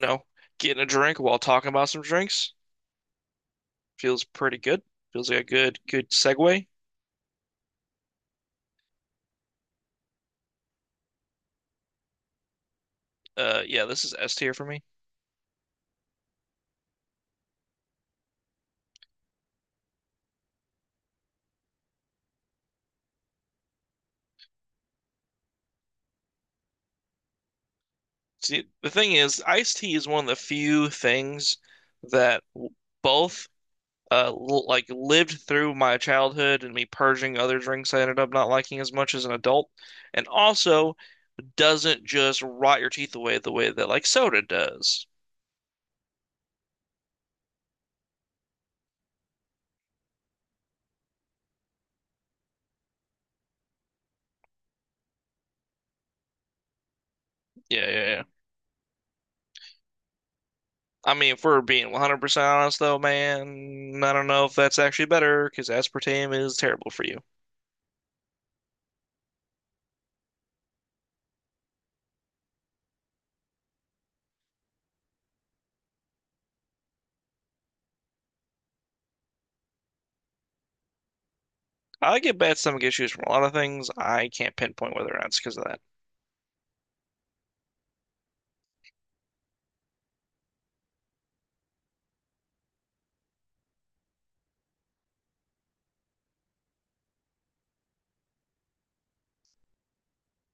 you know, Getting a drink while talking about some drinks feels pretty good. Feels like a good segue. Yeah, this is S tier for me. See, the thing is, iced tea is one of the few things that both l like lived through my childhood and me purging other drinks I ended up not liking as much as an adult, and also doesn't just rot your teeth away the way that like soda does. Yeah, yeah, yeah. I mean, if we're being 100% honest, though, man, I don't know if that's actually better because aspartame is terrible for you. I get bad stomach issues from a lot of things. I can't pinpoint whether or not it's because of that.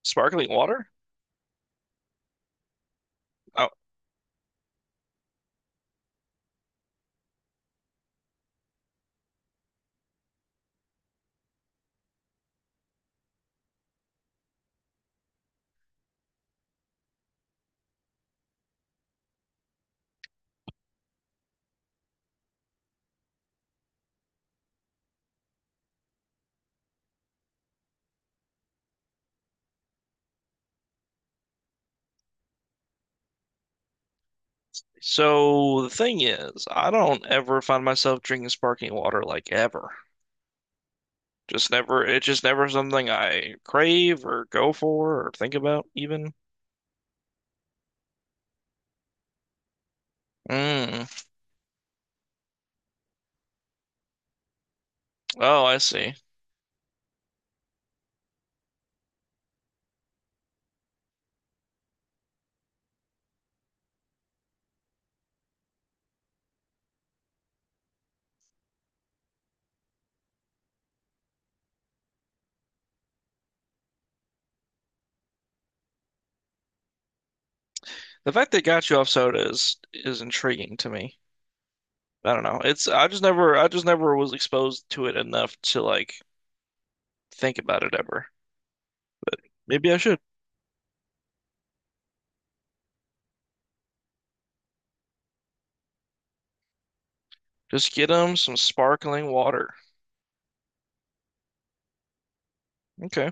Sparkling water? Oh, so the thing is, I don't ever find myself drinking sparkling water like ever. Just never, it's just never something I crave or go for or think about even. Mm. Oh, I see. The fact they got you off soda is intriguing to me. I don't know. It's I just never was exposed to it enough to like think about it ever. Maybe I should just get them some sparkling water. Okay.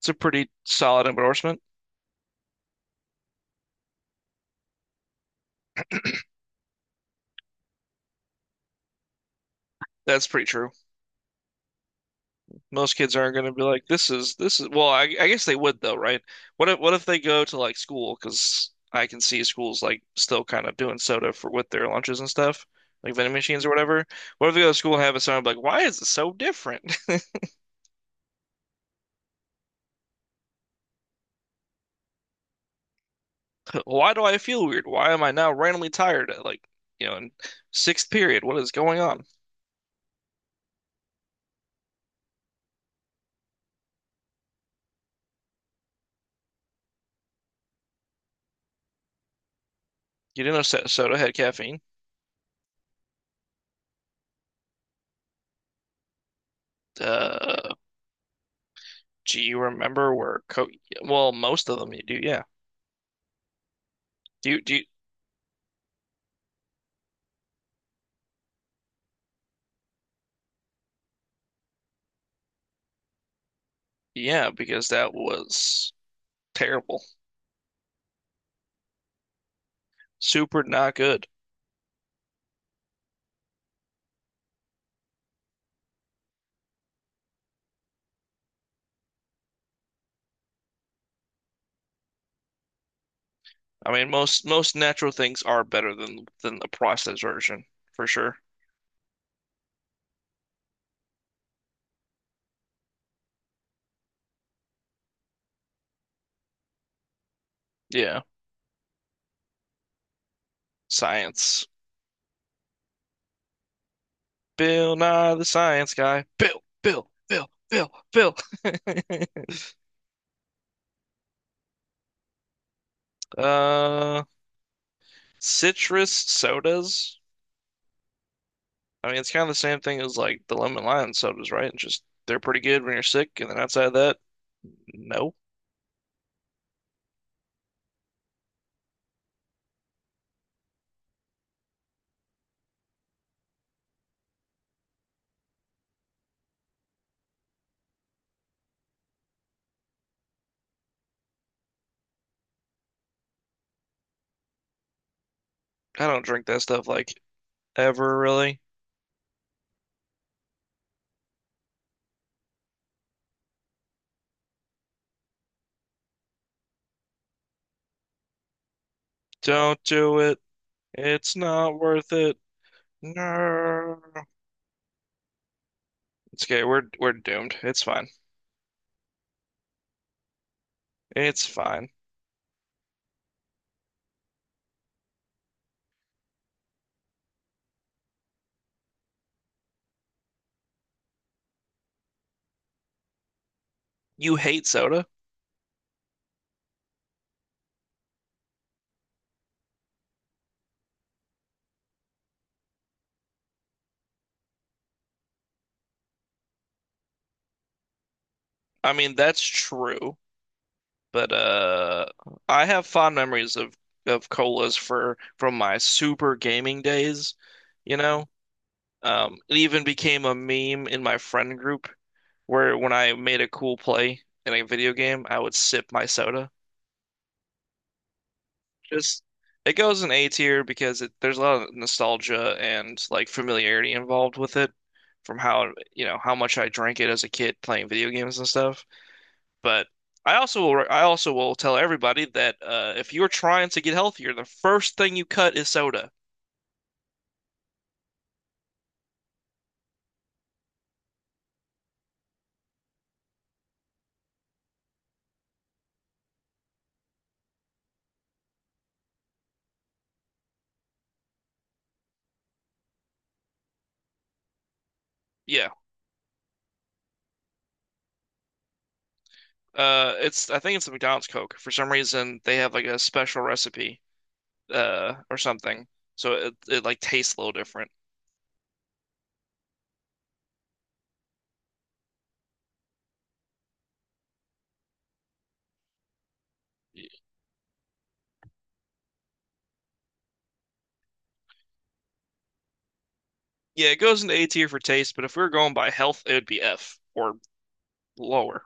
It's a pretty solid endorsement. That's pretty true. Most kids aren't going to be like this is well, I guess they would though, right? What if they go to like school, because I can see schools like still kind of doing soda for with their lunches and stuff, like vending machines or whatever. What if they go to school and have it sound like, why is it so different? Why do I feel weird? Why am I now randomly tired at like, in sixth period? What is going on? You didn't know soda had caffeine. Uh, do you remember where co Well, most of them you do, yeah. Do you, do you, yeah, because that was terrible. Super not good. I mean, most natural things are better than the processed version, for sure. Yeah. Science. Bill Nye the science guy. Bill, Bill, Bill, Bill, Bill. Uh Citrus sodas. I mean, it's kind of the same thing as like the lemon lime sodas, right? It's just they're pretty good when you're sick, and then outside of that, no. I don't drink that stuff like ever really. Don't do it. It's not worth it. No. It's okay. We're doomed. It's fine. It's fine. You hate soda? I mean, that's true, but I have fond memories of colas for from my super gaming days, you know? It even became a meme in my friend group where when I made a cool play in a video game, I would sip my soda. Just it goes in A tier because it, there's a lot of nostalgia and like familiarity involved with it from how you know how much I drank it as a kid playing video games and stuff. But I also will tell everybody that if you're trying to get healthier, the first thing you cut is soda. Yeah. It's I think it's the McDonald's Coke. For some reason, they have like a special recipe, or something. So it like tastes a little different. Yeah, it goes into A tier for taste, but if we were going by health, it would be F or lower.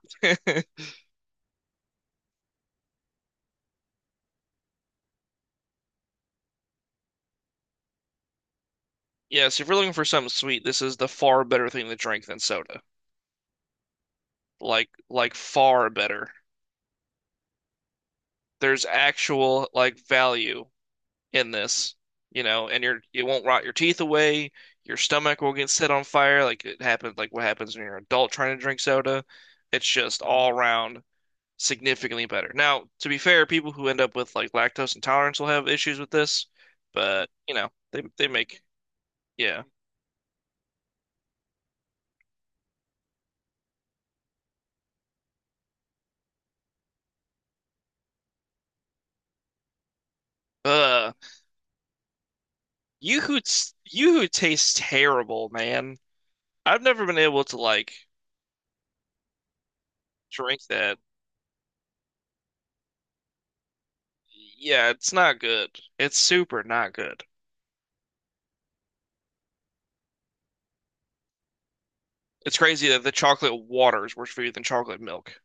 Yeah, so if you're looking for something sweet, this is the far better thing to drink than soda. Like far better. There's actual like value in this, you know, and you're it won't rot your teeth away. Your stomach will get set on fire, like it happens, like what happens when you're an adult trying to drink soda. It's just all around significantly better. Now, to be fair, people who end up with like lactose intolerance will have issues with this, but you know, they make yeah. Uh, you who you who tastes terrible, man. I've never been able to like drink that. Yeah, it's not good. It's super not good. It's crazy that the chocolate water is worse for you than chocolate milk.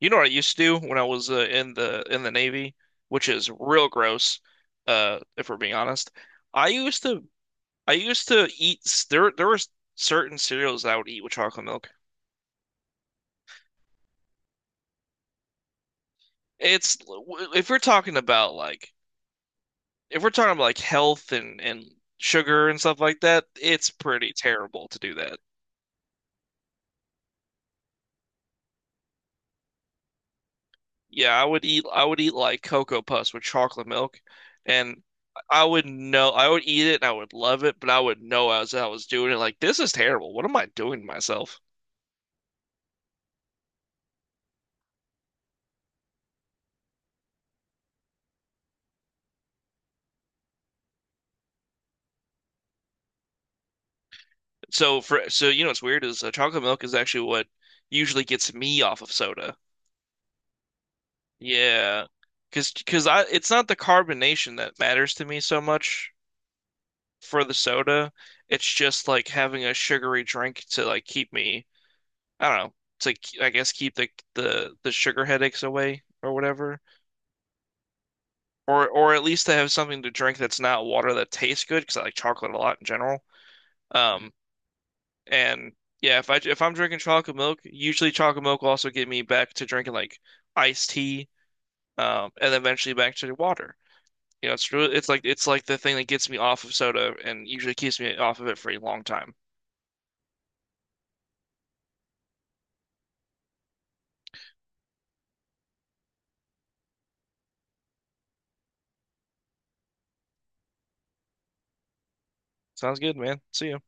You know what I used to do when I was in the Navy, which is real gross, if we're being honest. I used to I used to eat there. There were certain cereals I would eat with chocolate milk. It's if we're talking about like if we're talking about like health and sugar and stuff like that, it's pretty terrible to do that. Yeah, I would eat like Cocoa Puffs with chocolate milk, and I would know I would eat it and I would love it, but I would know as I was doing it like this is terrible. What am I doing to myself? So for so you know what's weird is chocolate milk is actually what usually gets me off of soda. Yeah, because I it's not the carbonation that matters to me so much for the soda. It's just like having a sugary drink to like keep me, I don't know, I guess keep the sugar headaches away or whatever, or at least to have something to drink that's not water that tastes good because I like chocolate a lot in general. Um, and yeah, if I if I'm drinking chocolate milk, usually chocolate milk will also get me back to drinking like iced tea, and eventually back to water. You know, it's really, it's like the thing that gets me off of soda and usually keeps me off of it for a long time. Sounds good, man. See ya.